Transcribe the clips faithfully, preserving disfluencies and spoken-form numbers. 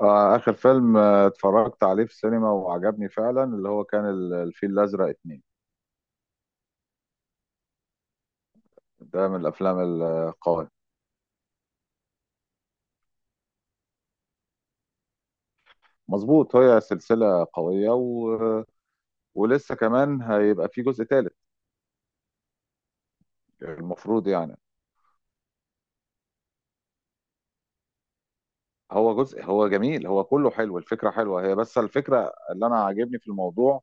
آه، آخر فيلم آه، اتفرجت عليه في السينما وعجبني فعلا، اللي هو كان ال- الفيل الأزرق اتنين. ده من الأفلام القوية. مظبوط، هي سلسلة قوية و... ولسه كمان هيبقى في جزء تالت، المفروض يعني. هو جزء، هو جميل، هو كله حلو، الفكرة حلوة هي، بس الفكرة اللي أنا عاجبني في الموضوع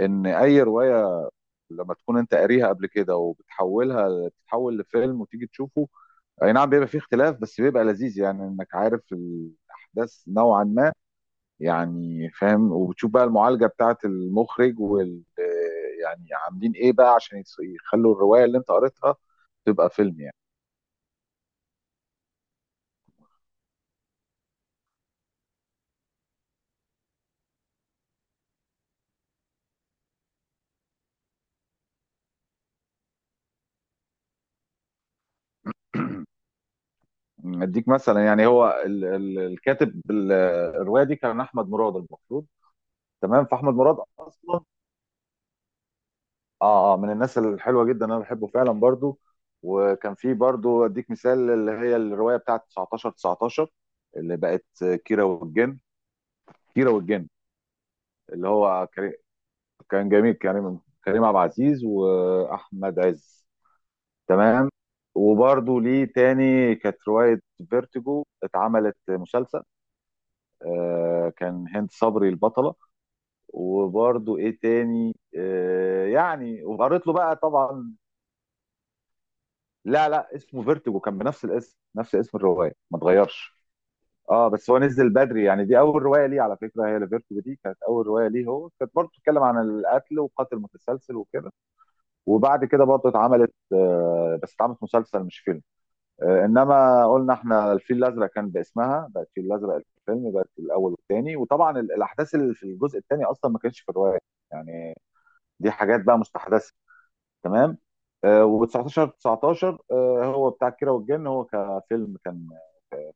إن أي رواية لما تكون أنت قاريها قبل كده وبتحولها تتحول لفيلم وتيجي تشوفه، أي نعم بيبقى فيه اختلاف بس بيبقى لذيذ يعني إنك عارف الأحداث نوعا ما، يعني فاهم، وبتشوف بقى المعالجة بتاعت المخرج وال يعني عاملين ايه بقى عشان يس- يخلوا الرواية اللي انت قريتها تبقى فيلم يعني. اديك مثلا، يعني هو ال ال الكاتب، ال- الرواية دي كان احمد مراد المفروض. تمام، فاحمد مراد اصلا، اه اه، من الناس الحلوة جدا، انا بحبه فعلا برضو. وكان في برضو، اديك مثال، اللي هي الرواية بتاعت تسعتاشر تسعتاشر، اللي بقت كيرة والجن، كيرة والجن اللي هو، كان جميل، كريم، كريم عبد العزيز واحمد عز. تمام. وبرضه ليه تاني كانت روايه فيرتيجو، اتعملت مسلسل، آه، كان هند صبري البطله. وبرضه ايه تاني، آه يعني، وقريت له بقى طبعا. لا لا، اسمه فيرتيجو، كان بنفس الاسم، نفس اسم الروايه ما اتغيرش، اه. بس هو نزل بدري يعني، دي اول روايه ليه، على فكره هي لفيرتيجو دي كانت اول روايه ليه، هو كانت برضه بتتكلم عن القتل وقاتل متسلسل وكده. وبعد كده برضه اتعملت، آه، بس اتعملت مسلسل مش فيلم. آه، انما قلنا احنا الفيل الازرق كان باسمها، بقت الفيل الازرق الفيلم، بقت الاول والثاني، وطبعا ال- الاحداث اللي في الجزء الثاني اصلا ما كانتش في الروايه يعني، دي حاجات بقى مستحدثه. تمام. و19 تسعة عشر هو بتاع كيرة والجن، هو كفيلم كان،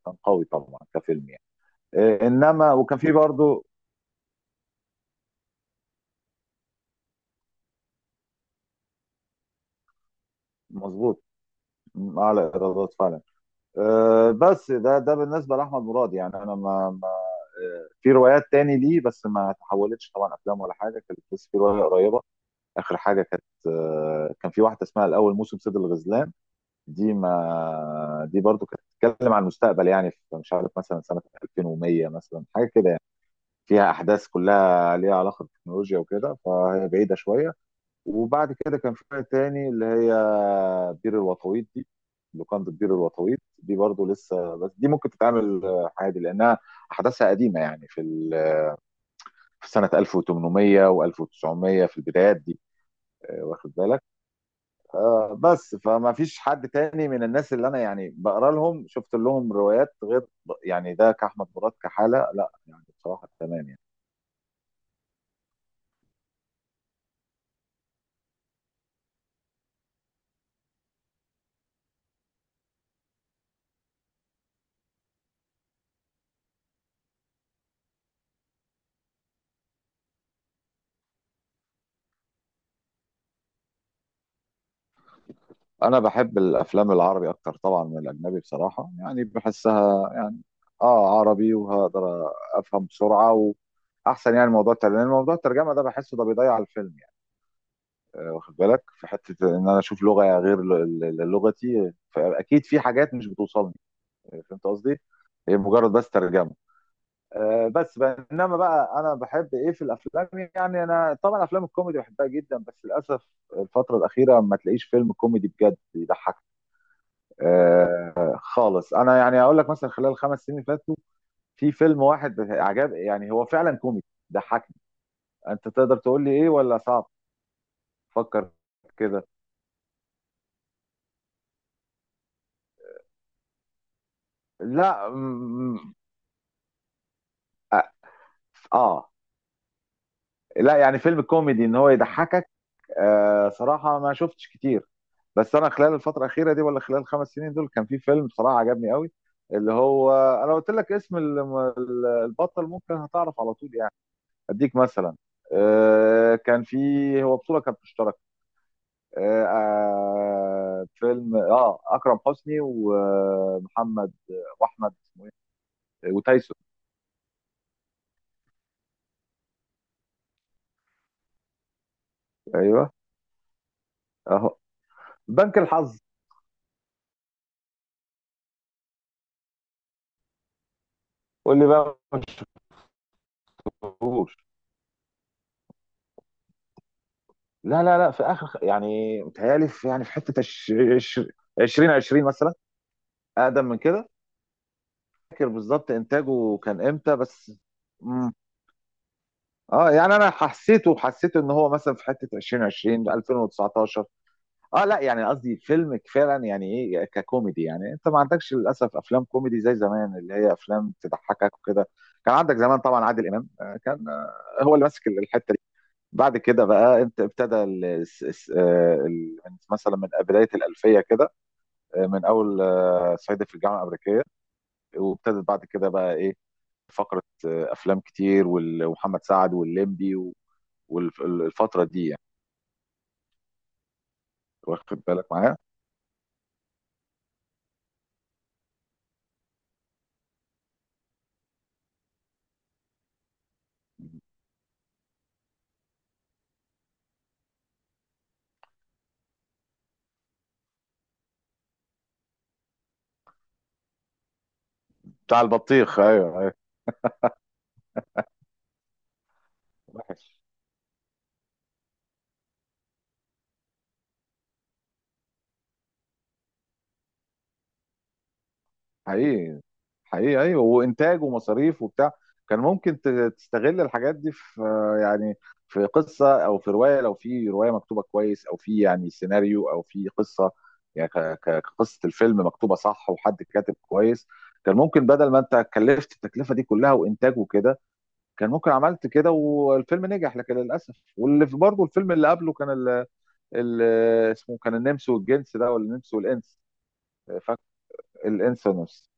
كان قوي طبعا كفيلم يعني. آه، انما وكان فيه برضه، مظبوط، م- اعلى ايرادات فعلا. آه، بس ده ده بالنسبه لاحمد مراد يعني، انا ما في روايات تاني ليه بس ما تحولتش طبعا افلام ولا حاجه، كانت بس في روايه قريبه، اخر حاجه، كانت آه، كان في واحده اسمها الاول موسم صيد الغزلان. دي، ما دي برضو كانت بتتكلم عن المستقبل يعني، في مش عارف مثلا سنه ألفين ومية مثلا، حاجه كده يعني، فيها احداث كلها ليها علاقه بالتكنولوجيا وكده، فهي بعيده شويه. وبعد كده كان في روايه تاني، اللي هي بير الوطويط دي، لوكاندا بير الوطويط دي برضو لسه، بس دي ممكن تتعمل آه، عادي، لانها احداثها قديمه يعني، في ال في سنة ألف وتمنمية و1900، في البدايات دي. آه، واخد بالك. آه، بس فما فيش حد تاني من الناس اللي انا يعني بقرا لهم شفت لهم روايات غير، يعني ده كأحمد مراد كحالة لا يعني بصراحة. تمام يعني. انا بحب الافلام العربي اكتر طبعا من الاجنبي بصراحة، يعني بحسها يعني، اه، عربي وهقدر افهم بسرعة واحسن، يعني موضوع الترجمة، لأن موضوع الترجمة ده بحسه ده بيضيع الفيلم، واخد بالك، في حته ان انا اشوف لغه غير ل- ل- لغتي، فاكيد في حاجات مش بتوصلني، فهمت قصدي، هي مجرد بس ترجمه. آه، بس بقى، انما بقى، انا بحب ايه في الافلام يعني. انا طبعا افلام الكوميدي بحبها جدا، بس للاسف الفتره الاخيره ما تلاقيش فيلم كوميدي بجد يضحك. آه. خالص. انا يعني اقول لك مثلا، خلال الخمس سنين اللي فاتوا، في فيلم واحد عجب، يعني هو فعلا كوميدي، ضحكني. انت تقدر تقول لي ايه ولا صعب؟ فكر كده. لا، م- م- اه، لا يعني فيلم كوميدي ان هو يضحكك، آه، صراحه ما شفتش كتير، بس انا خلال الفتره الاخيره دي ولا خلال الخمس سنين دول كان في فيلم بصراحه عجبني قوي، اللي هو، انا قلت لك اسم الم- البطل ممكن هتعرف على طول يعني. اديك مثلا، آه، كان في، هو بطوله كانت مشتركه، آه، آه، فيلم اه اكرم حسني ومحمد واحمد، آه، وتايسون. ايوه، اهو، بنك الحظ. قول لي بقى ما شفتوش. لا لا لا، في اخر يعني، متهيألي في، يعني في حته الش- الش- ألفين وعشرين مثلا، اقدم من كده، فاكر بالظبط انتاجه كان امتى بس. مم. اه، يعني انا حسيته، حسيته ان هو مثلا في حته ألفين وعشرين، ألفين وتسعة عشر. اه لا، يعني قصدي فيلم فعلا يعني، يعني ايه ككوميدي، يعني انت ما عندكش للاسف افلام كوميدي زي زمان، اللي هي افلام تضحكك وكده. كان عندك زمان طبعا عادل امام، آه، كان، آه، هو اللي ماسك الحته. بعد كده بقى انت ابتدى ال- الس- الس- آه، ال- من- مثلا من بدايه الالفيه كده، آه، من اول، آه، صعيدي في الجامعه الامريكيه، وابتدت بعد كده بقى ايه، فقره آه، افلام كتير وال- ومحمد سعد والليمبي والفتره دي يعني. واخد بالك معايا. بتاع البطيخ، ايوه. ايوه. حقيقي. حقيقي ايوه، وانتاج ومصاريف وبتاع، كان ممكن ت- تستغل الحاجات دي في آه، يعني في قصه او في روايه، لو في روايه مكتوبه كويس او في يعني سيناريو او في قصه، يعني ك- ك- كقصه الفيلم مكتوبه صح، وحد كاتب كويس، كان ممكن بدل ما انت كلفت التكلفه دي كلها وانتاج وكده، كان ممكن عملت كده والفيلم نجح، لكن للاسف. واللي في برضه الفيلم اللي قبله كان ال ال اسمه كان النمس والجنس ده، ولا النمس والانس. فاك الانس والنمس.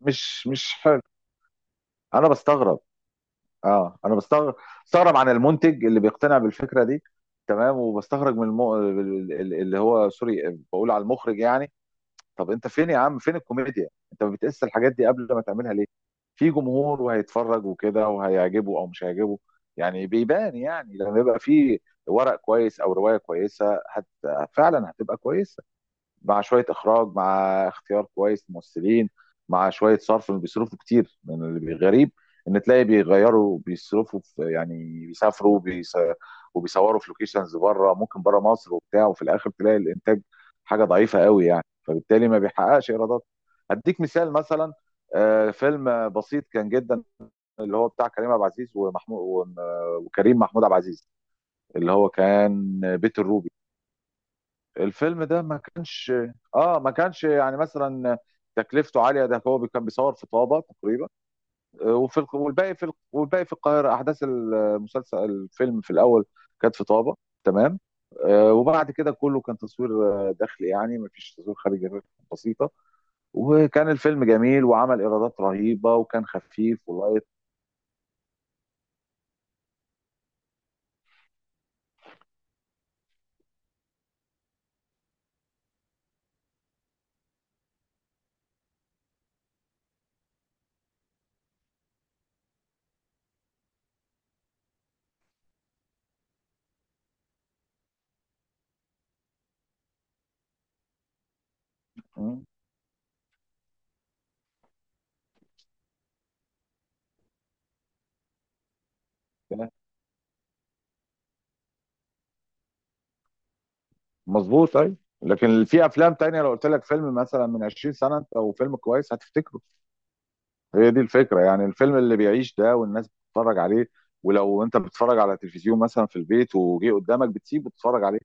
مش مش حلو. انا بستغرب، اه انا بستغرب، بستغرب عن المنتج اللي بيقتنع بالفكره دي. تمام، وبستغرب من المو... ال- ال- اللي هو، سوري بقول على المخرج يعني. طب انت فين يا عم؟ فين الكوميديا؟ انت ما بتقيس الحاجات دي قبل ما تعملها ليه؟ في جمهور وهيتفرج وكده، وهيعجبه او مش هيعجبه، يعني بيبان، يعني لما يبقى في ورق كويس او روايه كويسه هت... فعلا هتبقى كويسه، مع شويه اخراج، مع اختيار كويس ممثلين، مع شويه صرف. بيصرفوا كتير من اللي غريب ان تلاقي بيغيروا، بيصرفوا في يعني، بيسافروا بيس... وبيصوروا في لوكيشنز بره، ممكن بره مصر وبتاع، وفي الاخر تلاقي الانتاج حاجه ضعيفه قوي يعني، فبالتالي ما بيحققش ايرادات. هديك مثال مثلا، آه، فيلم بسيط كان جدا، اللي هو بتاع كريم عبد العزيز ومحمود وم- وكريم محمود عبد العزيز، اللي هو كان بيت الروبي. الفيلم ده ما كانش، اه ما كانش يعني مثلا تكلفته عاليه، ده هو كان بيصور في طابه تقريبا، آه، وفي الق- والباقي في الق- والباقي في القاهره، احداث المسلسل، الفيلم في الاول كانت في طابه، تمام، آه، وبعد كده كله كان تصوير آه، داخلي، يعني ما فيش تصوير خارجي غير بسيطه. وكان الفيلم جميل، وعمل ايرادات رهيبه، وكان خفيف ولايت. مم، كده. مظبوط، ايوه. لكن في افلام تانية، لو قلت لك فيلم مثلا من عشرين سنة سنه او فيلم كويس هتفتكره، هي دي الفكرة يعني، الفيلم اللي بيعيش ده والناس بتتفرج عليه، ولو انت بتتفرج على تلفزيون مثلا في البيت وجه قدامك بتسيب وتتفرج عليه.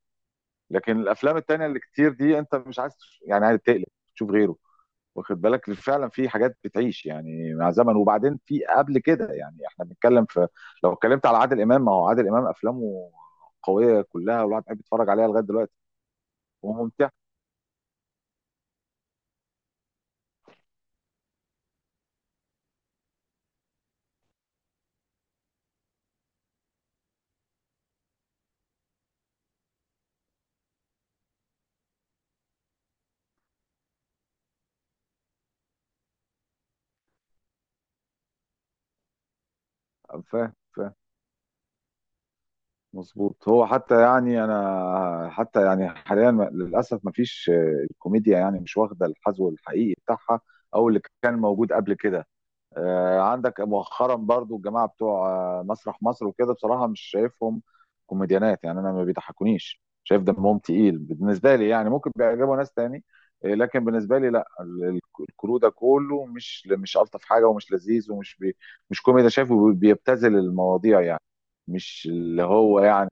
لكن الافلام التانية اللي كتير دي انت مش عايز تش- يعني عايز تقلب تشوف غيره. واخد بالك فعلا، في حاجات بتعيش يعني مع زمن. وبعدين في قبل كده يعني احنا بنتكلم في، لو اتكلمت على عادل امام، ما هو عادل امام افلامه قوية كلها، والواحد بيحب يتفرج عليها لغاية دلوقتي. وممتع. فاهم. مظبوط. هو حتى يعني، انا حتى يعني حاليا م- للاسف ما فيش، آه، الكوميديا يعني مش واخده الحذو الحقيقي بتاعها، او اللي كان موجود قبل كده. آه، عندك مؤخرا برضو الجماعه بتوع آه، مسرح مصر وكده، بصراحه مش شايفهم كوميديانات يعني، انا ما بيضحكونيش، شايف دمهم تقيل بالنسبه لي يعني، ممكن بيعجبوا ناس تاني، آه، لكن بالنسبه لي لا، ال- ال- الكرو ده كله مش مش الطف حاجه، ومش لذيذ، ومش بي مش كوميدي، شايفه بيبتذل المواضيع يعني، مش اللي هو يعني.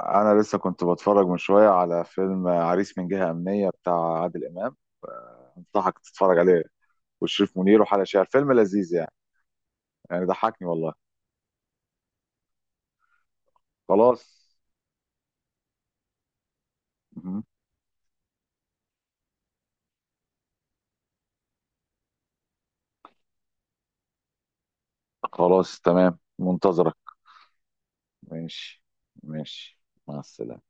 انا لسه كنت بتفرج من شويه على فيلم عريس من جهه امنيه بتاع عادل امام، انصحك تتفرج عليه، وشريف منير وحلا شعر، فيلم لذيذ يعني، يعني ضحكني والله. خلاص. مهم. خلاص، تمام، منتظرك. ماشي. ماشي. مع السلامه.